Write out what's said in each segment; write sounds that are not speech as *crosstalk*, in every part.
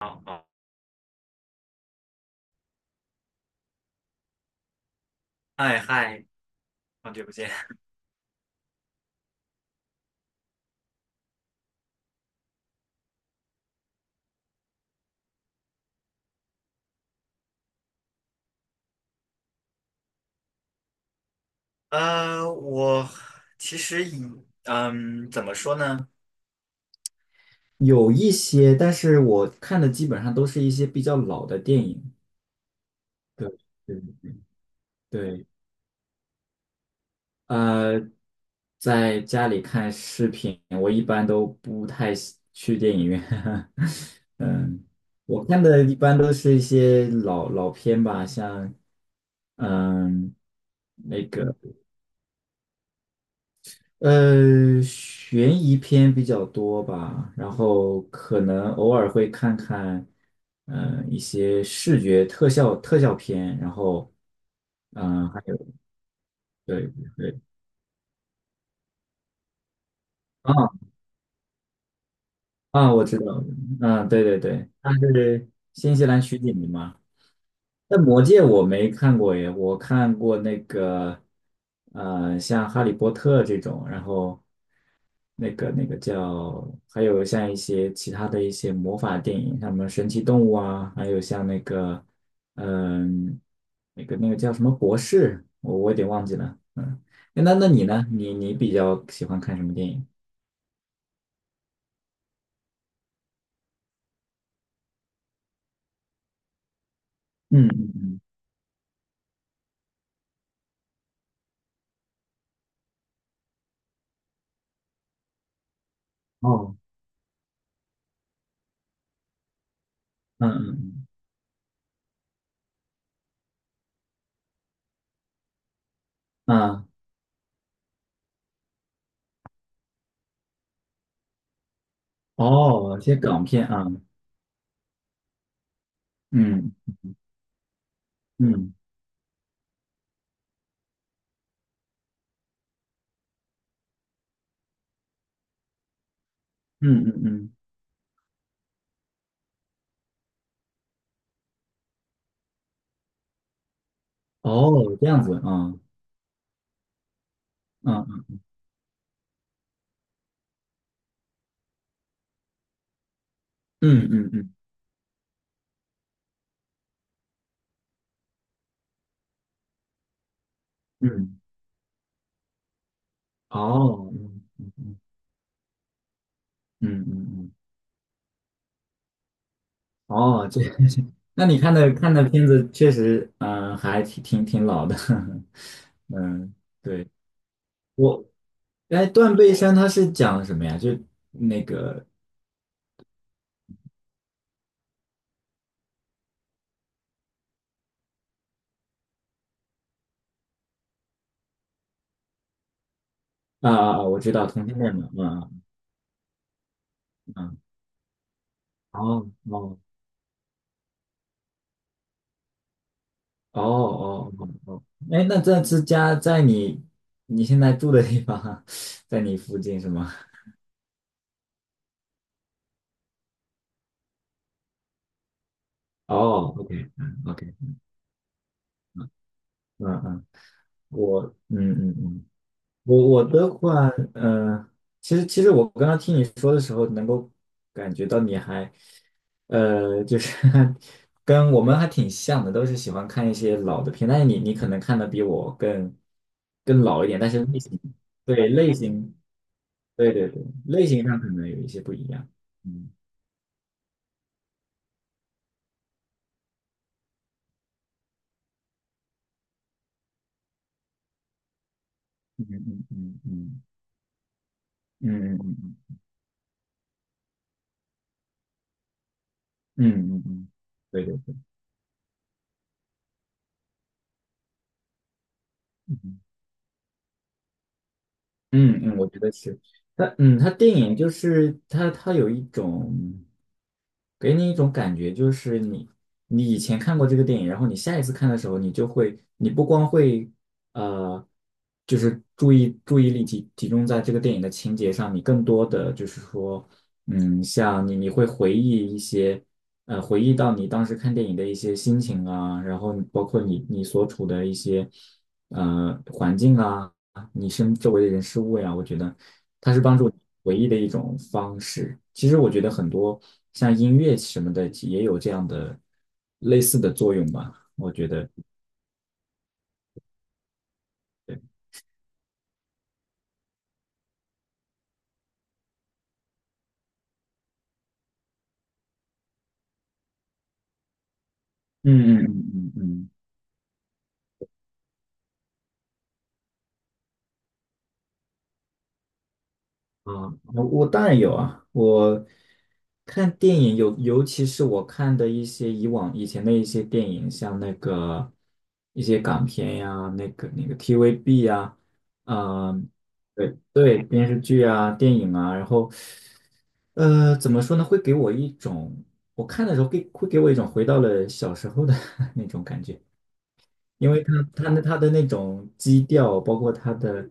好，好，嗨嗨，好久不见。我其实以怎么说呢？有一些，但是我看的基本上都是一些比较老的电影。对对对，呃，在家里看视频，我一般都不太喜去电影院。*laughs* 嗯，我看的一般都是一些老片吧，像嗯。那个。悬疑片比较多吧，然后可能偶尔会看看，一些视觉特效片，然后，嗯、还有对对啊啊，我知道，嗯、对对对，它是新西兰取景的嘛。那《魔戒》我没看过耶，我看过那个，像《哈利波特》这种，然后那个叫，还有像一些其他的一些魔法电影，像什么神奇动物啊，还有像那个，嗯、那个叫什么博士，我有点忘记了，嗯，诶那你呢？你比较喜欢看什么电影？嗯嗯嗯，哦，嗯嗯嗯，啊，哦，一些港片啊，嗯嗯嗯嗯嗯。哦，这样子啊，嗯嗯嗯嗯嗯，哦，嗯嗯嗯嗯嗯，嗯哦，这，*laughs* 那你看的看的片子确实，嗯、还挺老的，*laughs* 嗯，对，我，哎，《断背山》它是讲什么呀？就那个啊啊啊，我知道同性恋嘛，嗯嗯，嗯哦哦哦哦哦哦，哎，那这是家在你你现在住的地方，*laughs* 在你附近是吗？哦OK，OK。嗯嗯，我嗯嗯嗯，我的话，嗯，其实我刚刚听你说的时候，能够感觉到你还，就是 *laughs* 跟我们还挺像的，都是喜欢看一些老的片，但是你可能看的比我更更老一点，但是类型，对类型，对对对，类型上可能有一些不一样。嗯嗯嗯嗯嗯嗯嗯嗯嗯嗯嗯，嗯对对对。嗯嗯，我觉得是。它嗯，它电影就是它它有一种给你一种感觉，就是你你以前看过这个电影，然后你下一次看的时候，你就会你不光会呃，就是注意力集中在这个电影的情节上，你更多的就是说，嗯，像你会回忆一些回忆到你当时看电影的一些心情啊，然后包括你你所处的一些呃环境啊。啊，你身周围的人事物呀，我觉得它是帮助你唯一的一种方式。其实我觉得很多像音乐什么的也有这样的类似的作用吧。我觉得，对，嗯嗯嗯嗯嗯，啊，我我当然有啊。我看电影有，尤其是我看的一些以往以前的一些电影，像那个一些港片呀，那个 TVB 呀，嗯、对对，电视剧啊、电影啊，然后怎么说呢？会给我一种，我看的时候给会给我一种回到了小时候的 *laughs* 那种感觉，因为他他那他的那种基调，包括他的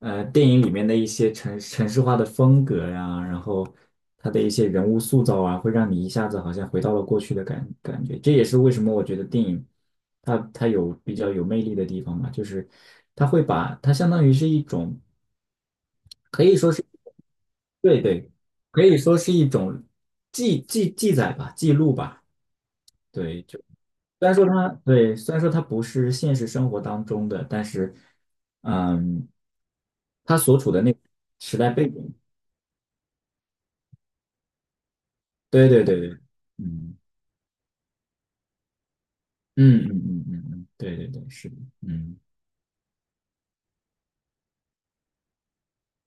呃电影里面的一些城市化的风格呀、然后他的一些人物塑造啊，会让你一下子好像回到了过去的感觉。这也是为什么我觉得电影它它有比较有魅力的地方嘛，就是它会把它相当于是一种。可以说是。对对，可以说是一种记载吧，记录吧。对，就虽然说它对，虽然说它不是现实生活当中的，但是，嗯，它所处的那个时代背景，对对对对，嗯嗯嗯嗯嗯嗯，对对对，是的，嗯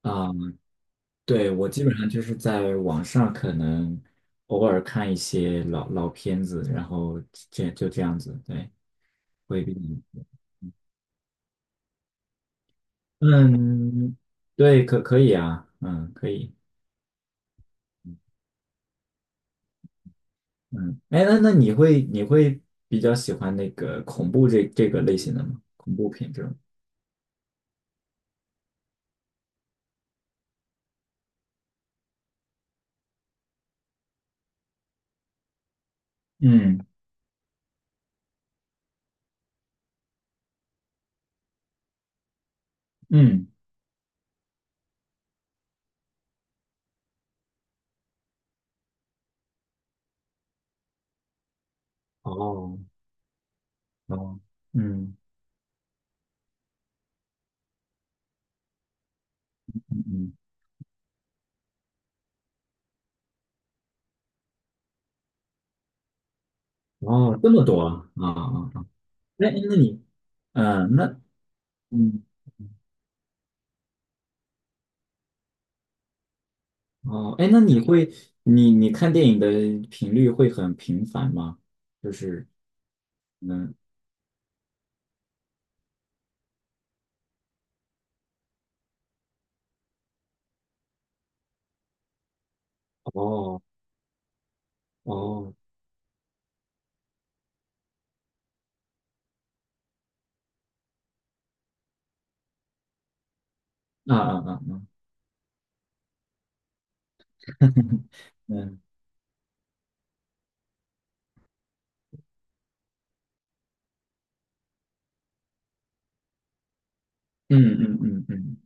啊，对，我基本上就是在网上可能偶尔看一些老片子，然后这就这样子，对，会比较嗯，对，可可以啊，嗯，可以，嗯，哎，那那你会比较喜欢那个恐怖这这个类型的吗？恐怖片这种？嗯嗯，哦哦，嗯嗯嗯，哦，这么多啊啊啊！啊哎，那你，嗯，那嗯哦，哎，那你会你你看电影的频率会很频繁吗？就是嗯，哦哦，啊啊啊，啊 *laughs* 嗯嗯嗯嗯嗯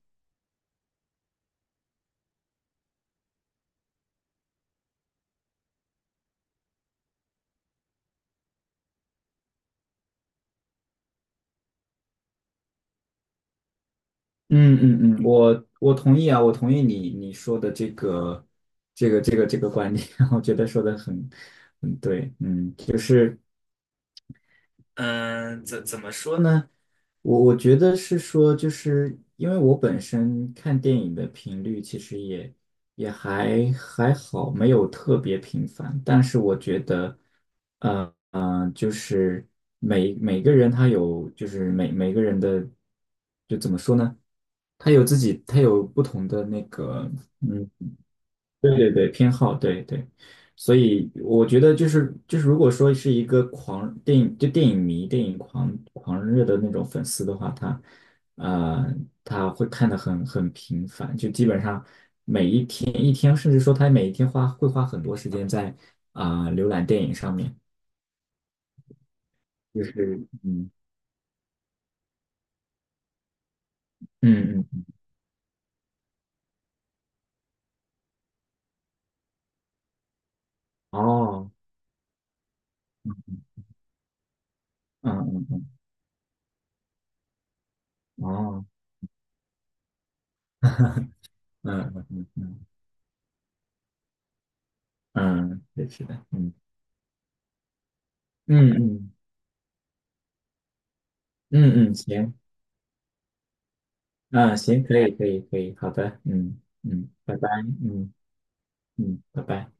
嗯嗯嗯，我我同意啊，我同意你你说的这个这个观点，*laughs* 我觉得说的很很对，嗯，就是。嗯，怎么说呢？我觉得是说，就是因为我本身看电影的频率其实也也还还好，没有特别频繁。但是我觉得，呃呃，就是每每个人他有，就是每每个人的，就怎么说呢？他有自己，他有不同的那个，嗯。对对对，偏好，对对，所以我觉得就是就是，如果说是一个狂电影就电影迷、电影狂热的那种粉丝的话，他呃他会看得很很频繁，就基本上一天，甚至说他每一天花会花很多时间在啊、浏览电影上面，就是嗯嗯嗯哦嗯嗯嗯哦 *laughs* 嗯嗯嗯嗯嗯，对是的，嗯嗯嗯嗯嗯，行。啊，行，可以，可以，可以，好的，嗯嗯，拜拜，嗯嗯，拜拜。